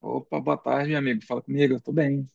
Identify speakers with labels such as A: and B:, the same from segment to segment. A: Opa, boa tarde, meu amigo. Fala comigo, eu tô bem.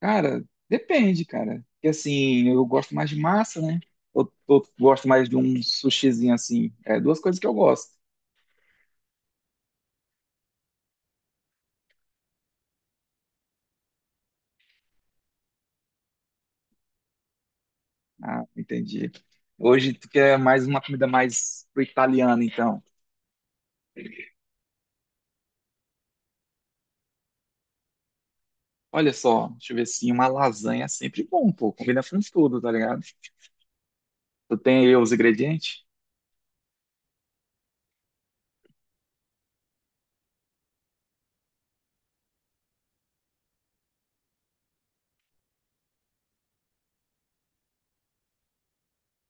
A: Cara, depende, cara. Porque assim, eu gosto mais de massa, né? Eu gosto mais de um sushizinho assim. É duas coisas que eu gosto. Ah, entendi. Hoje tu quer mais uma comida mais pro italiano, então. Olha só, deixa eu ver assim, uma lasanha é sempre bom, pô. Combina com tudo, tá ligado? Tu tem aí os ingredientes?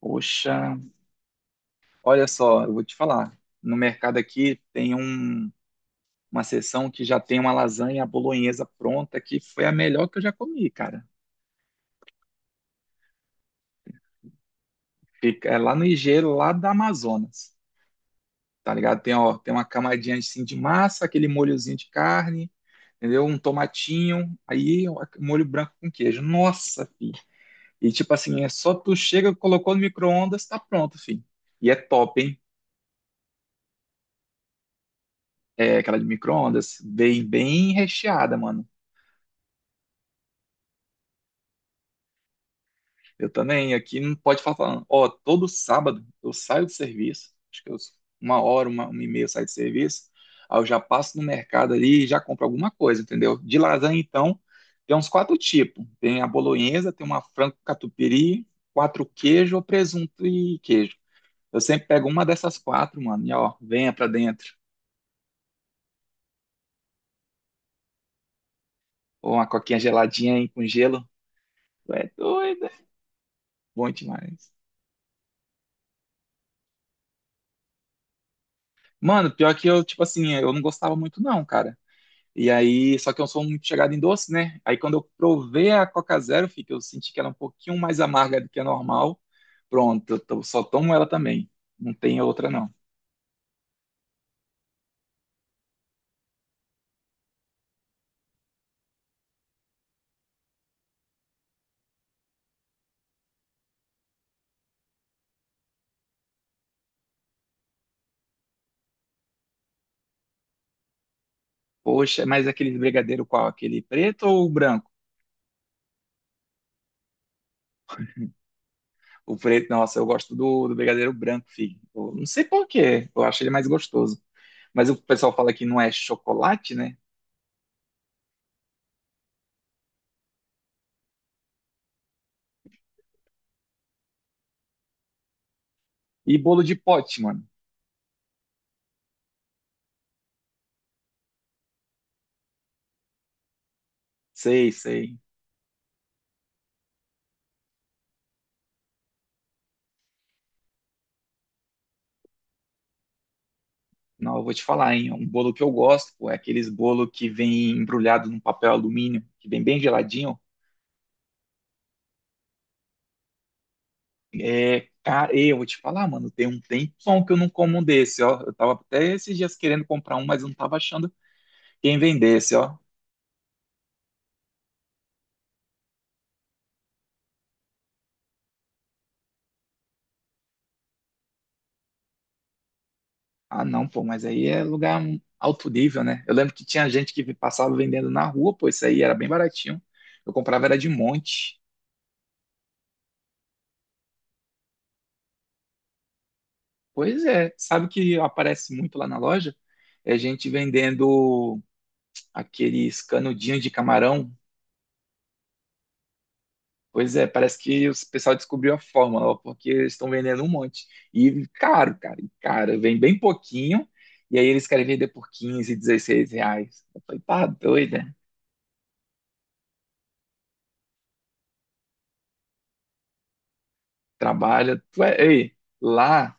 A: Poxa, olha só, eu vou te falar. No mercado aqui tem um. Uma sessão que já tem uma lasanha bolonhesa pronta, que foi a melhor que eu já comi, cara. Fica, é lá no Ligeiro, lá da Amazonas, tá ligado? Tem, ó, tem uma camadinha assim de massa, aquele molhozinho de carne, entendeu? Um tomatinho, aí ó, molho branco com queijo. Nossa, filho. E tipo assim, é só tu chega, colocou no micro-ondas, tá pronto, filho. E é top, hein? É aquela de micro-ondas, bem, bem recheada, mano. Eu também, aqui não pode faltar. Não. Ó, todo sábado eu saio do serviço, acho que eu, uma hora, uma e meia eu saio do serviço, aí eu já passo no mercado ali e já compro alguma coisa, entendeu? De lasanha, então, tem uns quatro tipos. Tem a bolonhesa, tem uma frango catupiry, quatro queijo, presunto e queijo. Eu sempre pego uma dessas quatro, mano, e ó, venha pra dentro. Ou uma coquinha geladinha aí com gelo. Tu é doido, é bom demais. Mano, pior que eu, tipo assim, eu não gostava muito não, cara. E aí, só que eu sou muito chegado em doce, né? Aí quando eu provei a Coca Zero, fica, eu senti que era um pouquinho mais amarga do que a normal. Pronto, só tomo ela também. Não tem outra, não. Poxa, mas aquele brigadeiro qual? Aquele preto ou o branco? O preto, nossa, eu gosto do brigadeiro branco, filho. Eu não sei por quê, eu acho ele mais gostoso. Mas o pessoal fala que não é chocolate, né? E bolo de pote, mano. Sei, sei. Não, eu vou te falar, hein? Um bolo que eu gosto, pô, é aqueles bolo que vem embrulhado num papel alumínio, que vem bem geladinho. É, cara, e eu vou te falar, mano, tem um tempão que eu não como um desse, ó. Eu tava até esses dias querendo comprar um, mas eu não tava achando quem vendesse, ó. Ah, não, pô, mas aí é lugar alto nível, né? Eu lembro que tinha gente que passava vendendo na rua, pô, isso aí era bem baratinho. Eu comprava era de monte. Pois é, sabe o que aparece muito lá na loja? É gente vendendo aqueles canudinhos de camarão. Pois é, parece que o pessoal descobriu a fórmula, ó, porque eles estão vendendo um monte. E caro, cara, e cara, vem bem pouquinho, e aí eles querem vender por 15, R$ 16. Eu falei, tá doido, né? Trabalha. Tu é... Ei, lá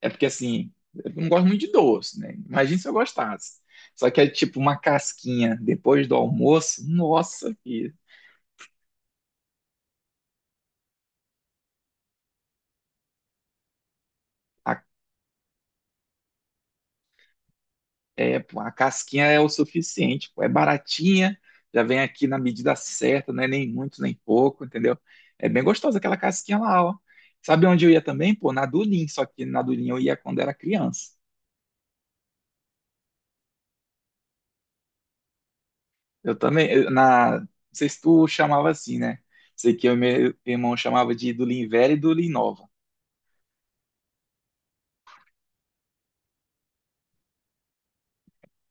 A: é porque assim, eu não gosto muito de doce, né? Imagina se eu gostasse. Só que é tipo uma casquinha depois do almoço, nossa, filho, a é, pô, a casquinha é o suficiente, pô, é baratinha, já vem aqui na medida certa, não é nem muito nem pouco, entendeu? É bem gostosa aquela casquinha lá, ó. Sabe onde eu ia também? Pô, na Dulim, só que na Dulim eu ia quando era criança. Eu também, na, não sei se tu chamava assim, né? Sei que eu e meu irmão chamava de Dulim velha e Dulim nova.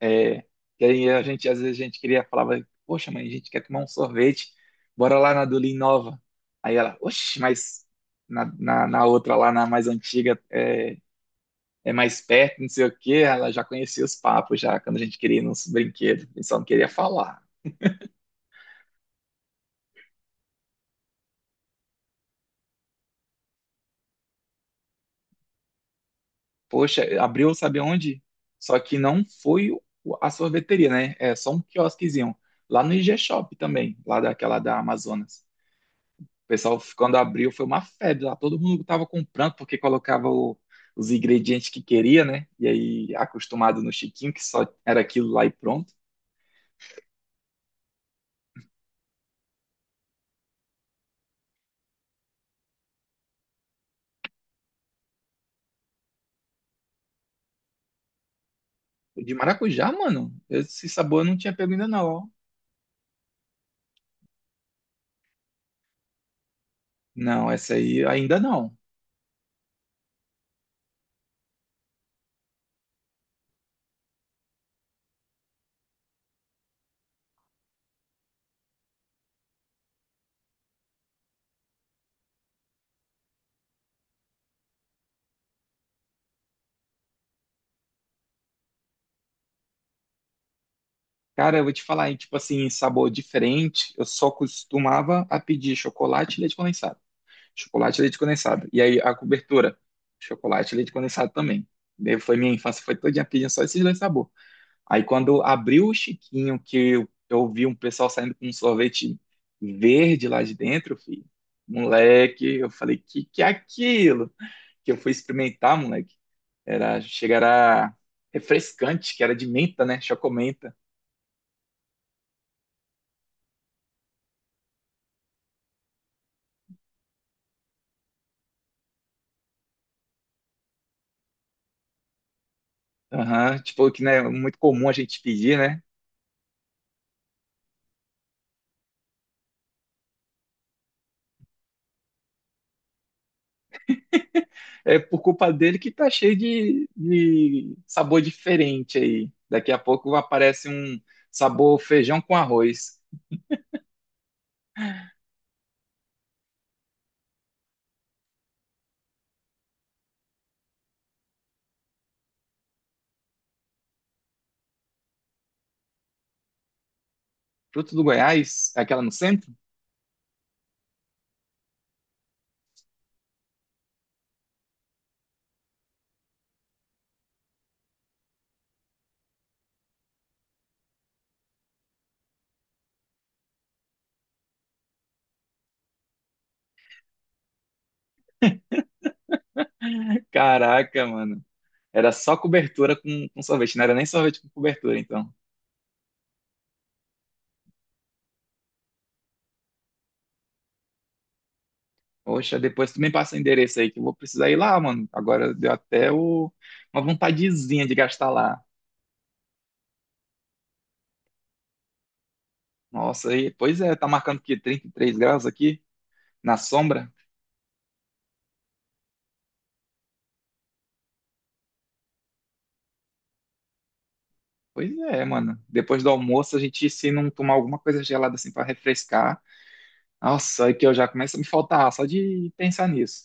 A: É, que aí a gente, às vezes a gente queria, falava, poxa, mãe, a gente quer tomar um sorvete, bora lá na do Lean Nova. Aí ela, oxe, mas na outra lá, na mais antiga, é, é mais perto, não sei o quê, ela já conhecia os papos já, quando a gente queria ir nos brinquedos, a gente só não queria falar. Poxa, abriu, sabe onde? Só que não foi o- A sorveteria, né? É só um quiosquezinho, lá no IG Shop também, lá daquela da Amazonas. O pessoal, quando abriu, foi uma febre lá. Todo mundo estava comprando porque colocava os ingredientes que queria, né? E aí, acostumado no chiquinho, que só era aquilo lá e pronto. O De maracujá, mano, esse sabor eu não tinha pego ainda não, ó. Não, essa aí ainda não. Cara, eu vou te falar, hein, tipo assim, sabor diferente, eu só costumava a pedir chocolate e leite condensado. Chocolate e leite condensado. E aí, a cobertura, chocolate e leite condensado também. Daí foi minha infância, foi todinha pedindo só esses dois sabores. Aí quando abriu o Chiquinho, que eu vi um pessoal saindo com um sorvete verde lá de dentro, filho. Moleque, eu falei, que é aquilo? Que eu fui experimentar, moleque. Era, chegará refrescante, que era de menta, né? Chocomenta. Aham, tipo, que não é muito comum a gente pedir, né? É por culpa dele que tá cheio de sabor diferente aí. Daqui a pouco aparece um sabor feijão com arroz. Fruto do Goiás, é aquela no centro? Caraca, mano. Era só cobertura com sorvete, não era nem sorvete com cobertura, então. Poxa, depois tu me passa o endereço aí que eu vou precisar ir lá, mano. Agora deu até uma vontadezinha de gastar lá. Nossa, aí, pois é, tá marcando que 33 graus aqui na sombra? Pois é, mano. Depois do almoço a gente se não tomar alguma coisa gelada assim pra refrescar. Nossa, aí que eu já começo a me faltar ar só de pensar nisso.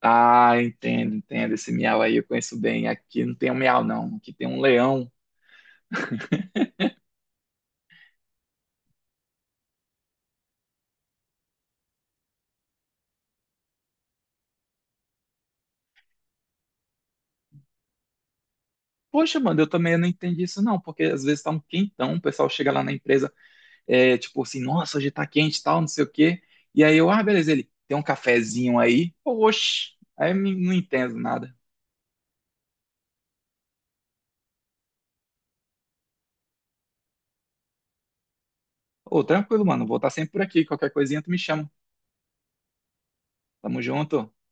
A: Ah, entendo, entendo. Esse miau aí eu conheço bem. Aqui não tem um miau, não. Aqui tem um leão. Poxa, mano, eu também não entendi isso não, porque às vezes tá um quentão, o pessoal chega lá na empresa, é, tipo assim, nossa, hoje tá quente e tal, não sei o quê. E aí eu, ah, beleza, ele, tem um cafezinho aí? Oxe, aí não entendo nada. Ô, tranquilo, mano, vou estar sempre por aqui, qualquer coisinha tu me chama. Tamo junto.